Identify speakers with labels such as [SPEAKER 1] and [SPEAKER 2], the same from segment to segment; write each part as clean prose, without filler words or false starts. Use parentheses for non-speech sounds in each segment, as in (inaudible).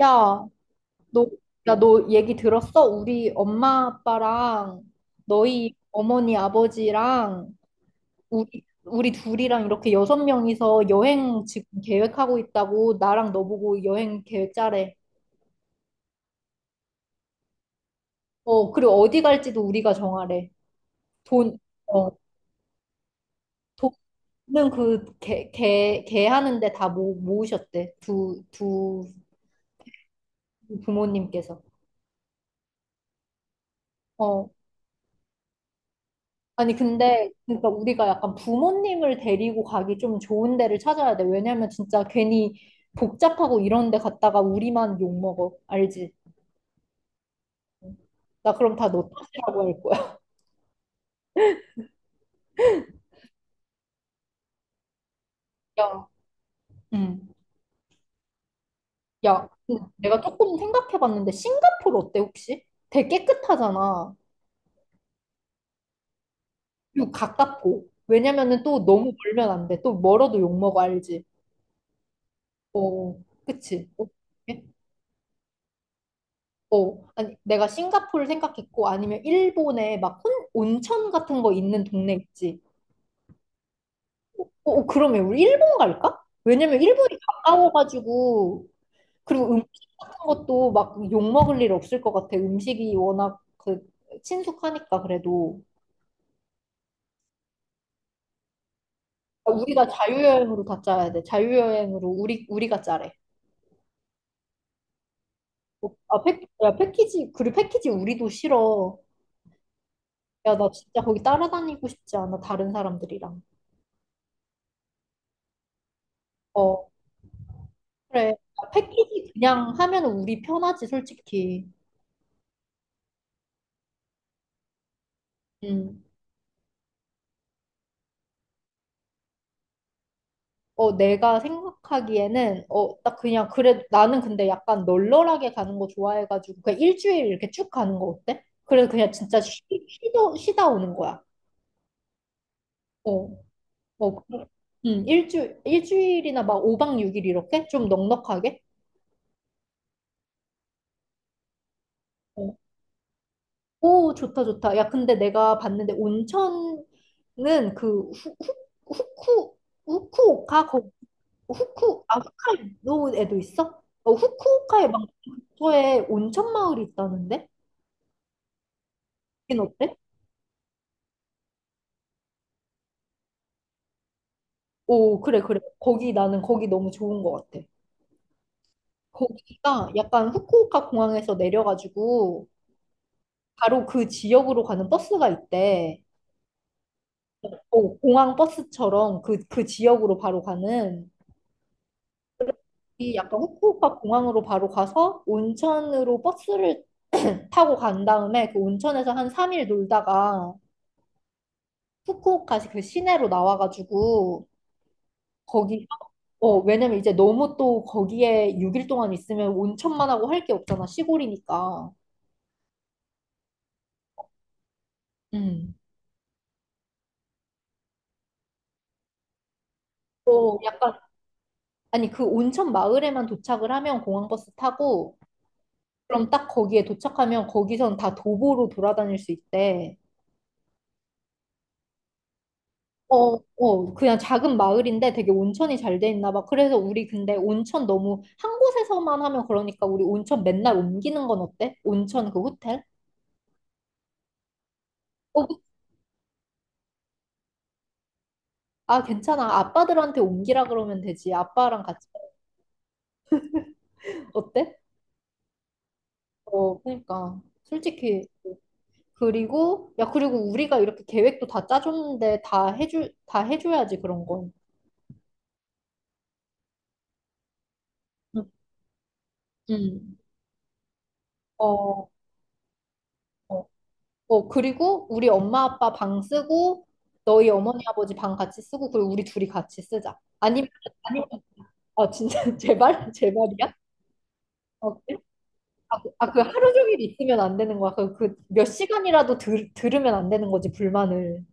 [SPEAKER 1] 야, 너, 야, 너 얘기 들었어? 우리 엄마 아빠랑 너희 어머니 아버지랑 우리 둘이랑 이렇게 여섯 명이서 여행 지금 계획하고 있다고 나랑 너 보고 여행 계획 짜래. 어, 그리고 어디 갈지도 우리가 정하래. 돈, 어, 돈은 그 개 하는데 다 모으셨대. 두 부모님께서. 어, 아니, 근데, 그러니까 우리가 약간 부모님을 데리고 가기 좀 좋은 데를 찾아야 돼. 왜냐면 진짜 괜히 복잡하고 이런 데 갔다가 우리만 욕먹어. 알지? 나 그럼 다 너 탓이라고 할 거야. (laughs) 야, 응. 야, 근데 내가 조금 생각해봤는데, 싱가포르 어때, 혹시? 되게 깨끗하잖아. 그리고 가깝고. 왜냐면은 또 너무 멀면 안 돼. 또 멀어도 욕먹어, 알지? 어, 그치? 어, 어, 아니, 내가 싱가포르 생각했고, 아니면 일본에 막 온천 같은 거 있는 동네 있지. 어, 어, 그러면 우리 일본 갈까? 왜냐면 일본이 가까워가지고, 그리고 음식 같은 것도 막 욕 먹을 일 없을 것 같아. 음식이 워낙 그 친숙하니까 그래도. 아, 우리가 자유여행으로 다 짜야 돼. 자유여행으로 우리가 짜래. 어, 아, 야, 패키지, 그리고 패키지 우리도 싫어. 야, 나 진짜 거기 따라다니고 싶지 않아, 다른 사람들이랑. 어, 그래. 패키지 그냥 하면 우리 편하지, 솔직히. 음. 어, 내가 생각하기에는, 딱 그냥, 그래, 나는 근데 약간 널널하게 가는 거 좋아해가지고, 그냥 일주일 이렇게 쭉 가는 거 어때? 그래서 그냥 진짜 쉬다 오는 거야. 어, 어, 일주일이나 막 5박 6일 이렇게? 좀 넉넉하게? 어. 오, 좋다, 좋다. 야, 근데 내가 봤는데, 온천은 그, 후, 후, 후쿠, 후쿠오카 후쿠 아 홋카이도에도 있어? 어, 후쿠오카에 막 저에 온천 마을이 있다는데? 거긴 어때? 오, 그래 그래, 거기 나는 거기 너무 좋은 것 같아. 거기가 약간 후쿠오카 공항에서 내려가지고 바로 그 지역으로 가는 버스가 있대. 오, 공항 버스처럼 그 지역으로 바로 가는, 이 약간 후쿠오카 공항으로 바로 가서 온천으로 버스를 (clears throat) 타고 간 다음에 그 온천에서 한 3일 놀다가 후쿠오카시 그 시내로 나와가지고 거기. 어, 왜냐면 이제 너무 또 거기에 6일 동안 있으면 온천만 하고 할 게 없잖아, 시골이니까. 음. 또 약간, 아니, 그 온천 마을에만 도착을 하면 공항버스 타고, 그럼 딱 거기에 도착하면 거기선 다 도보로 돌아다닐 수 있대. 어. 어, 그냥 작은 마을인데 되게 온천이 잘 돼 있나 봐. 그래서 우리 근데 온천 너무 한 곳에서만 하면 그러니까 우리 온천 맨날 옮기는 건 어때? 온천 그 호텔? 어, 아, 괜찮아. 아빠들한테 옮기라 그러면 되지. 아빠랑 같이. 어때? 어, 그러니까. 솔직히. 그리고, 야, 그리고 우리가 이렇게 계획도 다 짜줬는데 다 해줘야지, 그런 건. 응. 응. 어, 어, 어, 그리고 우리 엄마 아빠 방 쓰고, 너희 어머니 아버지 방 같이 쓰고, 그리고 우리 둘이 같이 쓰자. 아니면, 아니면, 아, 진짜, (laughs) 제발? 제발이야? 어, 그래? 아, 아, 그 하루 종일 있으면 안 되는 거야. 그 몇 시간이라도 들으면 안 되는 거지, 불만을.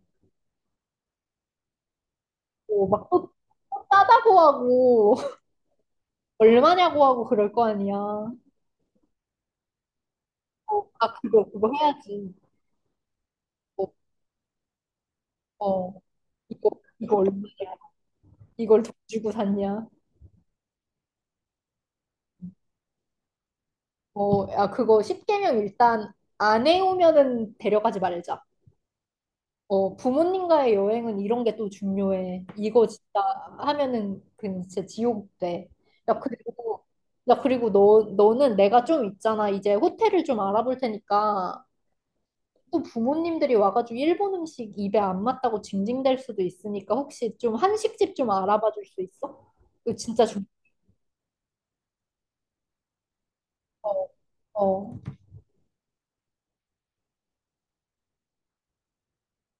[SPEAKER 1] 어, 막또 싸다고 하고 (laughs) 얼마냐고 하고 그럴 거 아니야. 어, 아, 그거 그거 해야지. 어, 어, 이거 이거 얼마야? 이걸 돈 주고 샀냐? 어, 야, 그거 십 개명 일단 안 해오면은 데려가지 말자. 어, 부모님과의 여행은 이런 게 또 중요해. 이거 진짜 하면은 그 진짜 지옥 돼. 야 그리고 야, 그리고 너 너는 내가 좀 있잖아. 이제 호텔을 좀 알아볼 테니까 또 부모님들이 와가지고 일본 음식 입에 안 맞다고 징징댈 수도 있으니까 혹시 좀 한식집 좀 알아봐 줄 수 있어? 이거 진짜 중, 어, 어,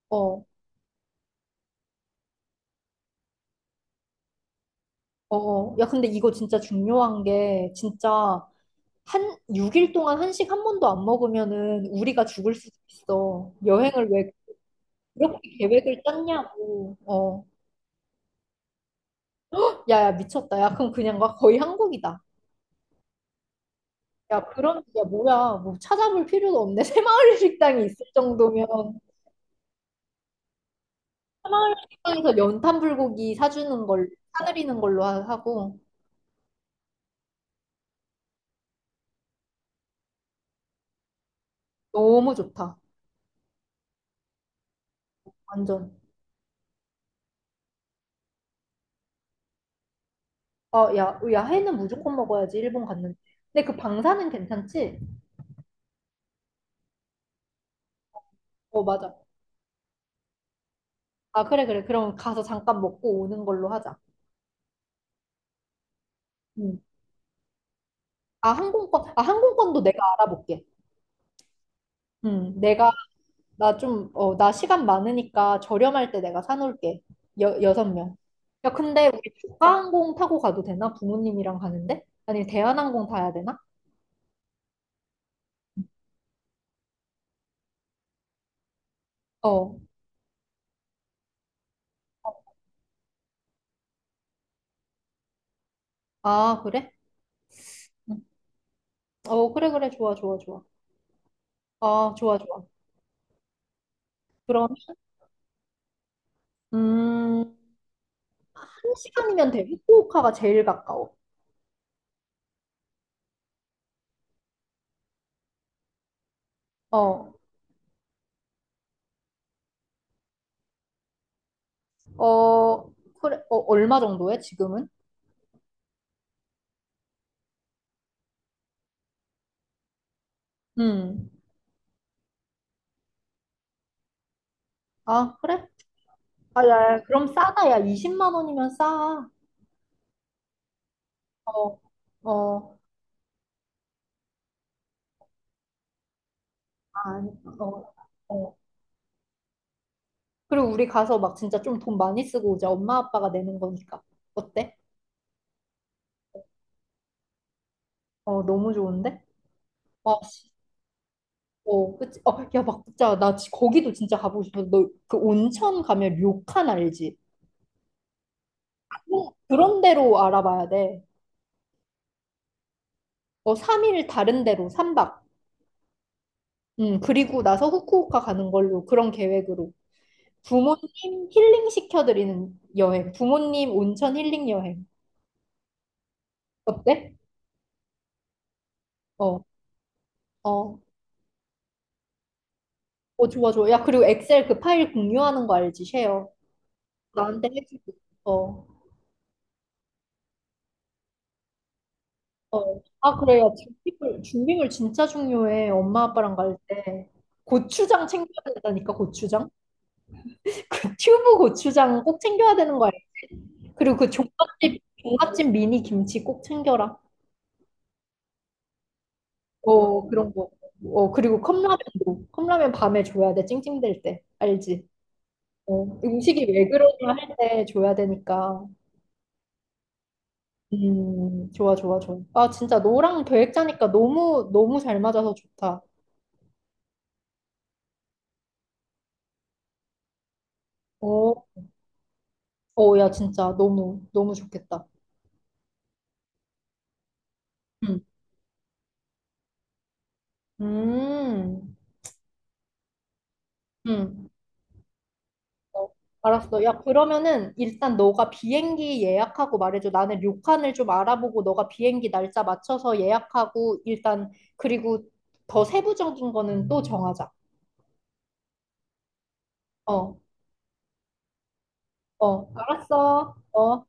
[SPEAKER 1] 어, 어. 어. 야, 근데 이거 진짜 중요한 게 진짜 한 6일 동안 한식 한 번도 안 먹으면은 우리가 죽을 수도 있어. 여행을 왜 그렇게 계획을 짰냐고. 어. 야, 야, 미쳤다. 야, 그럼 그냥 막 거의 한국이다. 야, 그럼, 야, 뭐야. 뭐 찾아볼 필요도 없네. (laughs) 새마을 식당이 있을 정도면. 사마을 시장에서 연탄 불고기 사주는 걸 사드리는 걸로 하고. 너무 좋다. 완전. 아, 야, 야해는 무조건 먹어야지 일본 갔는데. 근데 그 방사는 괜찮지? 어, 맞아. 아, 그래 그래. 그럼 가서 잠깐 먹고 오는 걸로 하자. 음. 아, 항공권. 아, 항공권도 내가 알아볼게. 내가 나 좀, 어, 나 시간 많으니까 저렴할 때 내가 사놓을게. 여섯 명. 야, 근데 우리 조가항공 타고 가도 되나? 부모님이랑 가는데? 아니, 대한항공 타야 되나? 어. 아, 그래? 응. 어, 그래, 그래. 좋아, 좋아, 좋아. 아, 좋아, 좋아. 그러면, 음, 한 시간이면 돼. 후쿠오카가 제일 가까워. 어, 어, 그래. 어, 얼마 정도야, 지금은? 음. 아, 그래? 아, 야, 야, 그럼 싸다. 야, 20만 원이면 싸. 어, 어, 아니, 어, 어. 그리고 우리 가서 막 진짜 좀 돈 많이 쓰고 오자. 엄마 아빠가 내는 거니까. 어때? 어, 너무 좋은데? 어, 어, 그치? 어, 야, 막 진짜 나 거기도 진짜 가보고 싶어. 너 그 온천 가면 료칸 알지? 어, 그런 데로 알아봐야 돼. 어, 3일 다른 데로 3박. 그리고 나서 후쿠오카 가는 걸로, 그런 계획으로. 부모님 힐링 시켜드리는 여행. 부모님 온천 힐링 여행. 어때? 어, 어, 어, 좋아, 좋아. 야, 그리고 엑셀 그 파일 공유하는 거 알지? 쉐어. 나한테 해주고. 어. 어. 아, 그래. 야, 준비물, 준비물 진짜 중요해. 엄마 아빠랑 갈 때. 고추장 챙겨야 된다니까, 고추장. (laughs) 그 튜브 고추장 꼭 챙겨야 되는 거야. 그리고 그 종갓집, 종갓집 미니 김치 꼭 챙겨라. 어, 그런 거. 어, 그리고 컵라면도. 컵라면 밤에 줘야 돼. 찡찡댈 때. 알지? 어, 음식이 왜 그러냐 할 때 줘야 되니까. 좋아, 좋아, 좋아. 아, 진짜 너랑 계획 짜니까 너무, 너무 잘 맞아서 좋다. 어, 어, 야, 진짜 너무, 너무 좋겠다. 응, 음, 응. 어, 알았어. 야, 그러면은 일단 너가 비행기 예약하고 말해줘. 나는 료칸을 좀 알아보고 너가 비행기 날짜 맞춰서 예약하고 일단, 그리고 더 세부적인 거는 또 정하자. 어, 어, 알았어. 어.